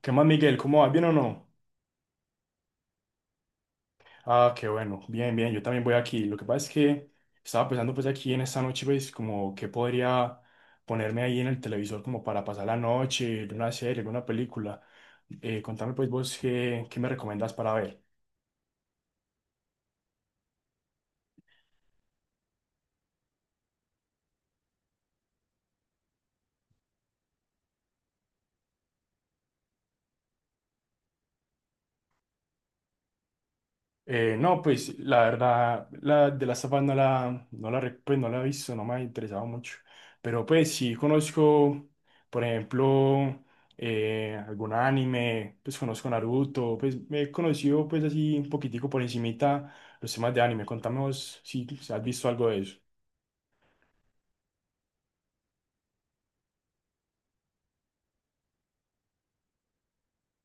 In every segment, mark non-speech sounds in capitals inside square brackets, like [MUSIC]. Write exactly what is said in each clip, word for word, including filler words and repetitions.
¿Qué más, Miguel? ¿Cómo vas? ¿Bien o no? Ah, qué bueno. Bien, bien. Yo también voy aquí. Lo que pasa es que estaba pensando pues aquí en esta noche, pues como que podría ponerme ahí en el televisor como para pasar la noche, una serie, una película. Eh, contame pues vos qué, qué me recomendás para ver. Eh, no, pues la verdad, la de la Us no la, no la, rec- pues, no la he visto, no me ha interesado mucho. Pero pues sí conozco, por ejemplo, eh, algún anime, pues conozco Naruto, pues me he conocido pues así un poquitico por encimita los temas de anime. Contame vos si si has visto algo de eso.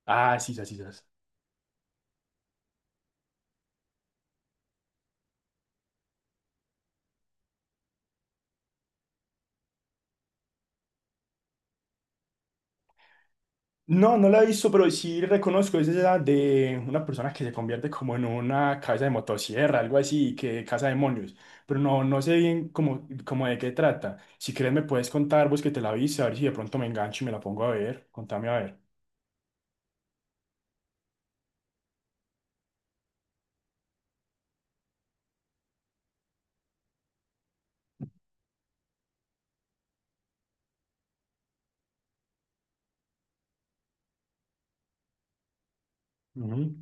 Ah, sí, sí, sí. Sí, sí. No, no la he visto, pero sí reconozco, es esa de una persona que se convierte como en una cabeza de motosierra, algo así, que caza demonios, pero no, no sé bien cómo, cómo de qué trata. Si quieres me puedes contar vos que te la viste, a ver si de pronto me engancho y me la pongo a ver, contame a ver. Ujú.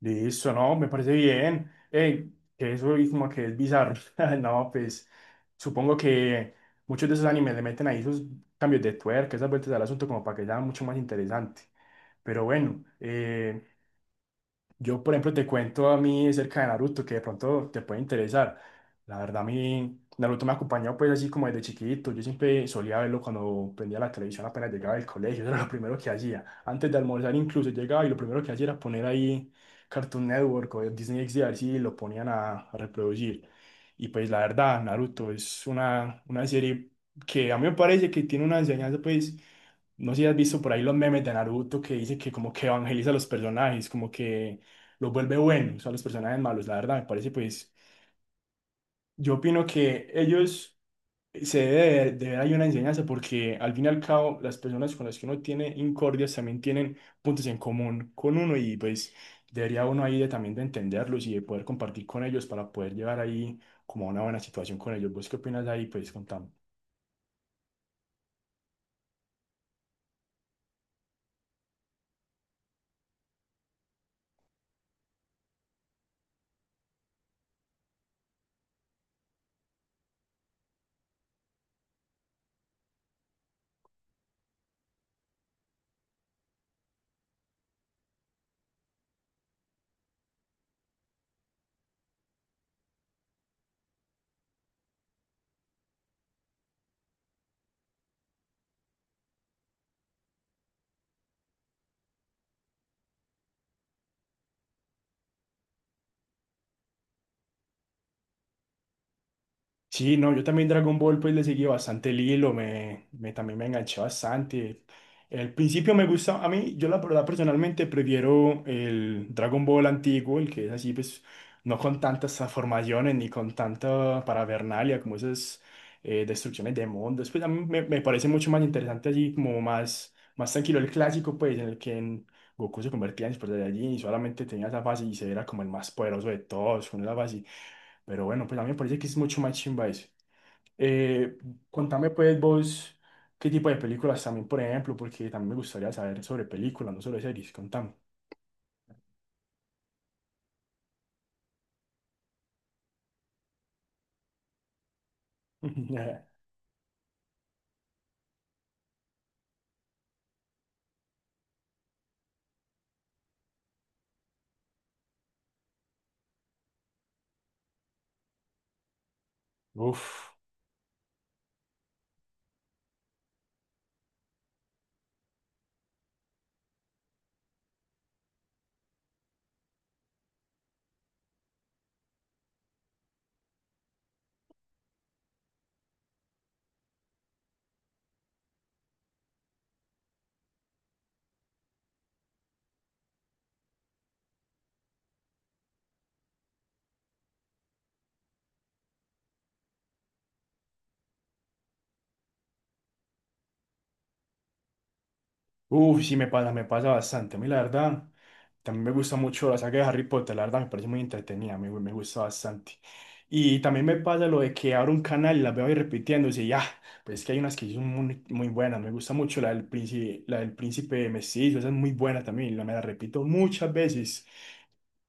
Listo, no, me parece bien. Ey, que eso es como que es bizarro. [LAUGHS] No, pues supongo que muchos de esos animes le meten ahí esos cambios de tuerca, esas vueltas al asunto como para que sea mucho más interesante. Pero bueno, eh, yo, por ejemplo, te cuento a mí acerca de Naruto, que de pronto te puede interesar. La verdad, a mí Naruto me acompañó pues así como desde chiquito. Yo siempre solía verlo cuando prendía la televisión apenas llegaba del colegio. [LAUGHS] Eso era lo primero que hacía. Antes de almorzar incluso llegaba y lo primero que hacía era poner ahí Cartoon Network o Disney X D a ver si lo ponían a, a reproducir. Y pues la verdad, Naruto es una, una serie que a mí me parece que tiene una enseñanza pues... No sé si has visto por ahí los memes de Naruto que dice que como que evangeliza a los personajes, como que los vuelve buenos a los personajes malos, la verdad, me parece pues, yo opino que ellos se debe de ver ahí una enseñanza porque al fin y al cabo las personas con las que uno tiene incordias también tienen puntos en común con uno y pues debería uno ahí de, también de entenderlos y de poder compartir con ellos para poder llevar ahí como a una buena situación con ellos. ¿Vos qué opinas de ahí? Pues contame. Sí, no, yo también Dragon Ball pues le seguí bastante el hilo, me, me- también me enganché bastante. El principio me gusta, a mí, yo la verdad personalmente prefiero el Dragon Ball antiguo, el que es así pues no con tantas transformaciones ni con tanta paravernalia como esas eh, destrucciones de mundos, pues a mí me, me parece mucho más interesante así como más, más tranquilo el clásico pues en el que en Goku se convertía en Super Saiyajin y solamente tenía esa fase y se era como el más poderoso de todos con esa fase. Pero bueno, pues a mí me parece que es mucho más chimba eso. Eh, Contame pues vos qué tipo de películas también, por ejemplo, porque también me gustaría saber sobre películas, no sobre series, contame. [LAUGHS] Uf, uf, sí me pasa, me pasa bastante. A mí la verdad. También me gusta mucho la saga de Harry Potter, la verdad me parece muy entretenida, me, me gusta bastante. Y también me pasa lo de que abro un canal y las veo ahí repitiendo y ya, pues es que hay unas que sí son muy, muy buenas, me gusta mucho la del príncipe, la del príncipe mestizo, esa es muy buena también, la me la repito muchas veces.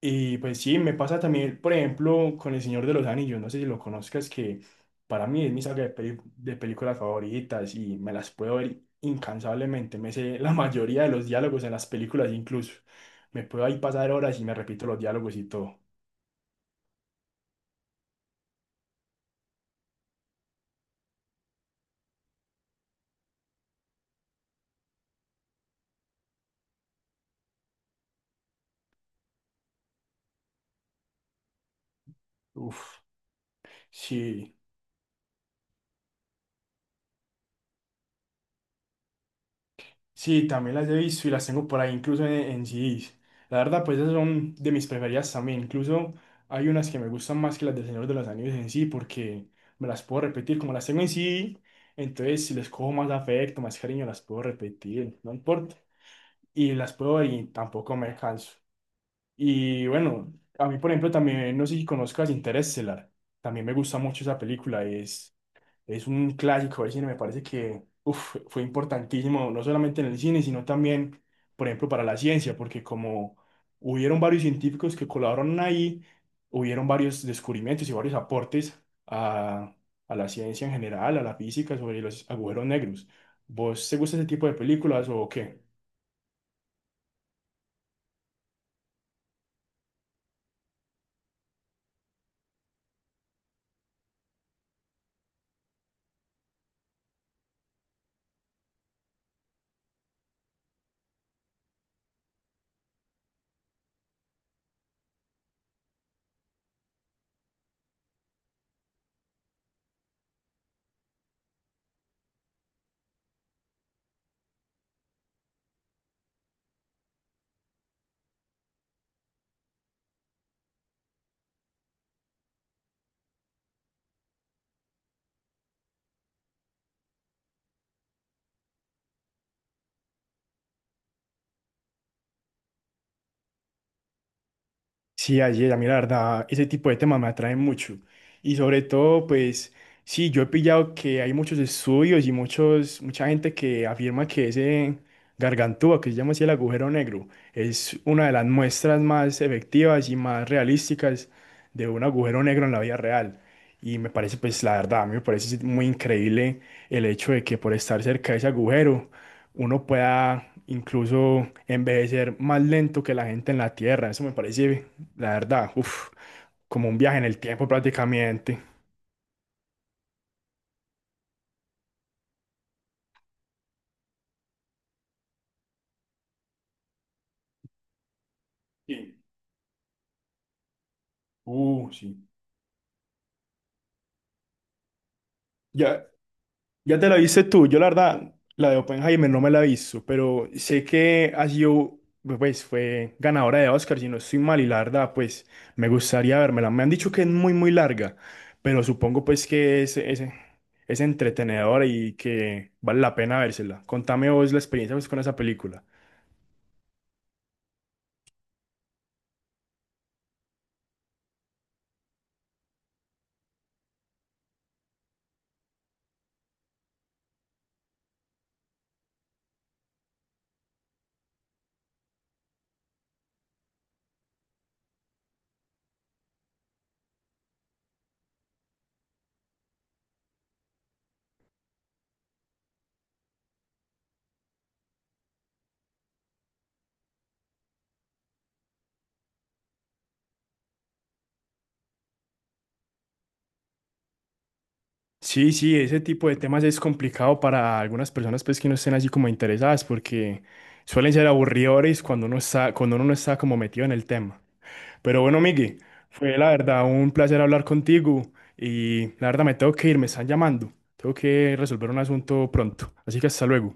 Y pues sí, me pasa también, por ejemplo, con El Señor de los Anillos, no sé si lo conozcas, que para mí es mi saga de, peli- de películas favoritas y me las puedo ver incansablemente, me sé la [LAUGHS] mayoría de los diálogos en las películas incluso, me puedo ahí pasar horas y me repito los diálogos y todo. Uf, sí. Sí, también las he visto y las tengo por ahí, incluso en, en cedés. La verdad, pues esas son de mis preferidas también. Incluso hay unas que me gustan más que las del Señor de los Anillos en sí, porque me las puedo repetir. Como las tengo en cedé, entonces si les cojo más afecto, más cariño, las puedo repetir, no importa. Y las puedo ver y tampoco me canso. Y bueno, a mí, por ejemplo, también, no sé si conozcas Interestelar. También me gusta mucho esa película. Es es un clásico del cine, me parece que uf, fue importantísimo, no solamente en el cine, sino también, por ejemplo, para la ciencia, porque como hubieron varios científicos que colaboraron ahí, hubieron varios descubrimientos y varios aportes a, a la ciencia en general, a la física, sobre los agujeros negros. ¿Vos te gusta ese tipo de películas o qué? Sí, así es, a mí la verdad, ese tipo de temas me atraen mucho. Y sobre todo, pues, sí, yo he pillado que hay muchos estudios y muchos, mucha gente que afirma que ese gargantúa, que se llama así el agujero negro, es una de las muestras más efectivas y más realísticas de un agujero negro en la vida real. Y me parece, pues, la verdad, a mí me parece muy increíble el hecho de que por estar cerca de ese agujero, uno pueda incluso envejecer más lento que la gente en la Tierra. Eso me parece la verdad, uff, como un viaje en el tiempo prácticamente. Sí. Uh, sí. Ya, ya te la viste tú, yo la verdad, la de Oppenheimer no me la he visto, pero sé que ha sido, pues fue ganadora de Oscar, si no estoy mal, y la verdad, pues me gustaría vérmela. Me han dicho que es muy, muy larga, pero supongo pues que es, es, es entretenedora y que vale la pena vérsela. Contame vos la experiencia pues, con esa película. Sí, sí, ese tipo de temas es complicado para algunas personas pues que no estén así como interesadas porque suelen ser aburridores cuando uno está, cuando uno no está como metido en el tema. Pero bueno, Miguel, fue la verdad un placer hablar contigo y la verdad me tengo que ir, me están llamando. Tengo que resolver un asunto pronto. Así que hasta luego.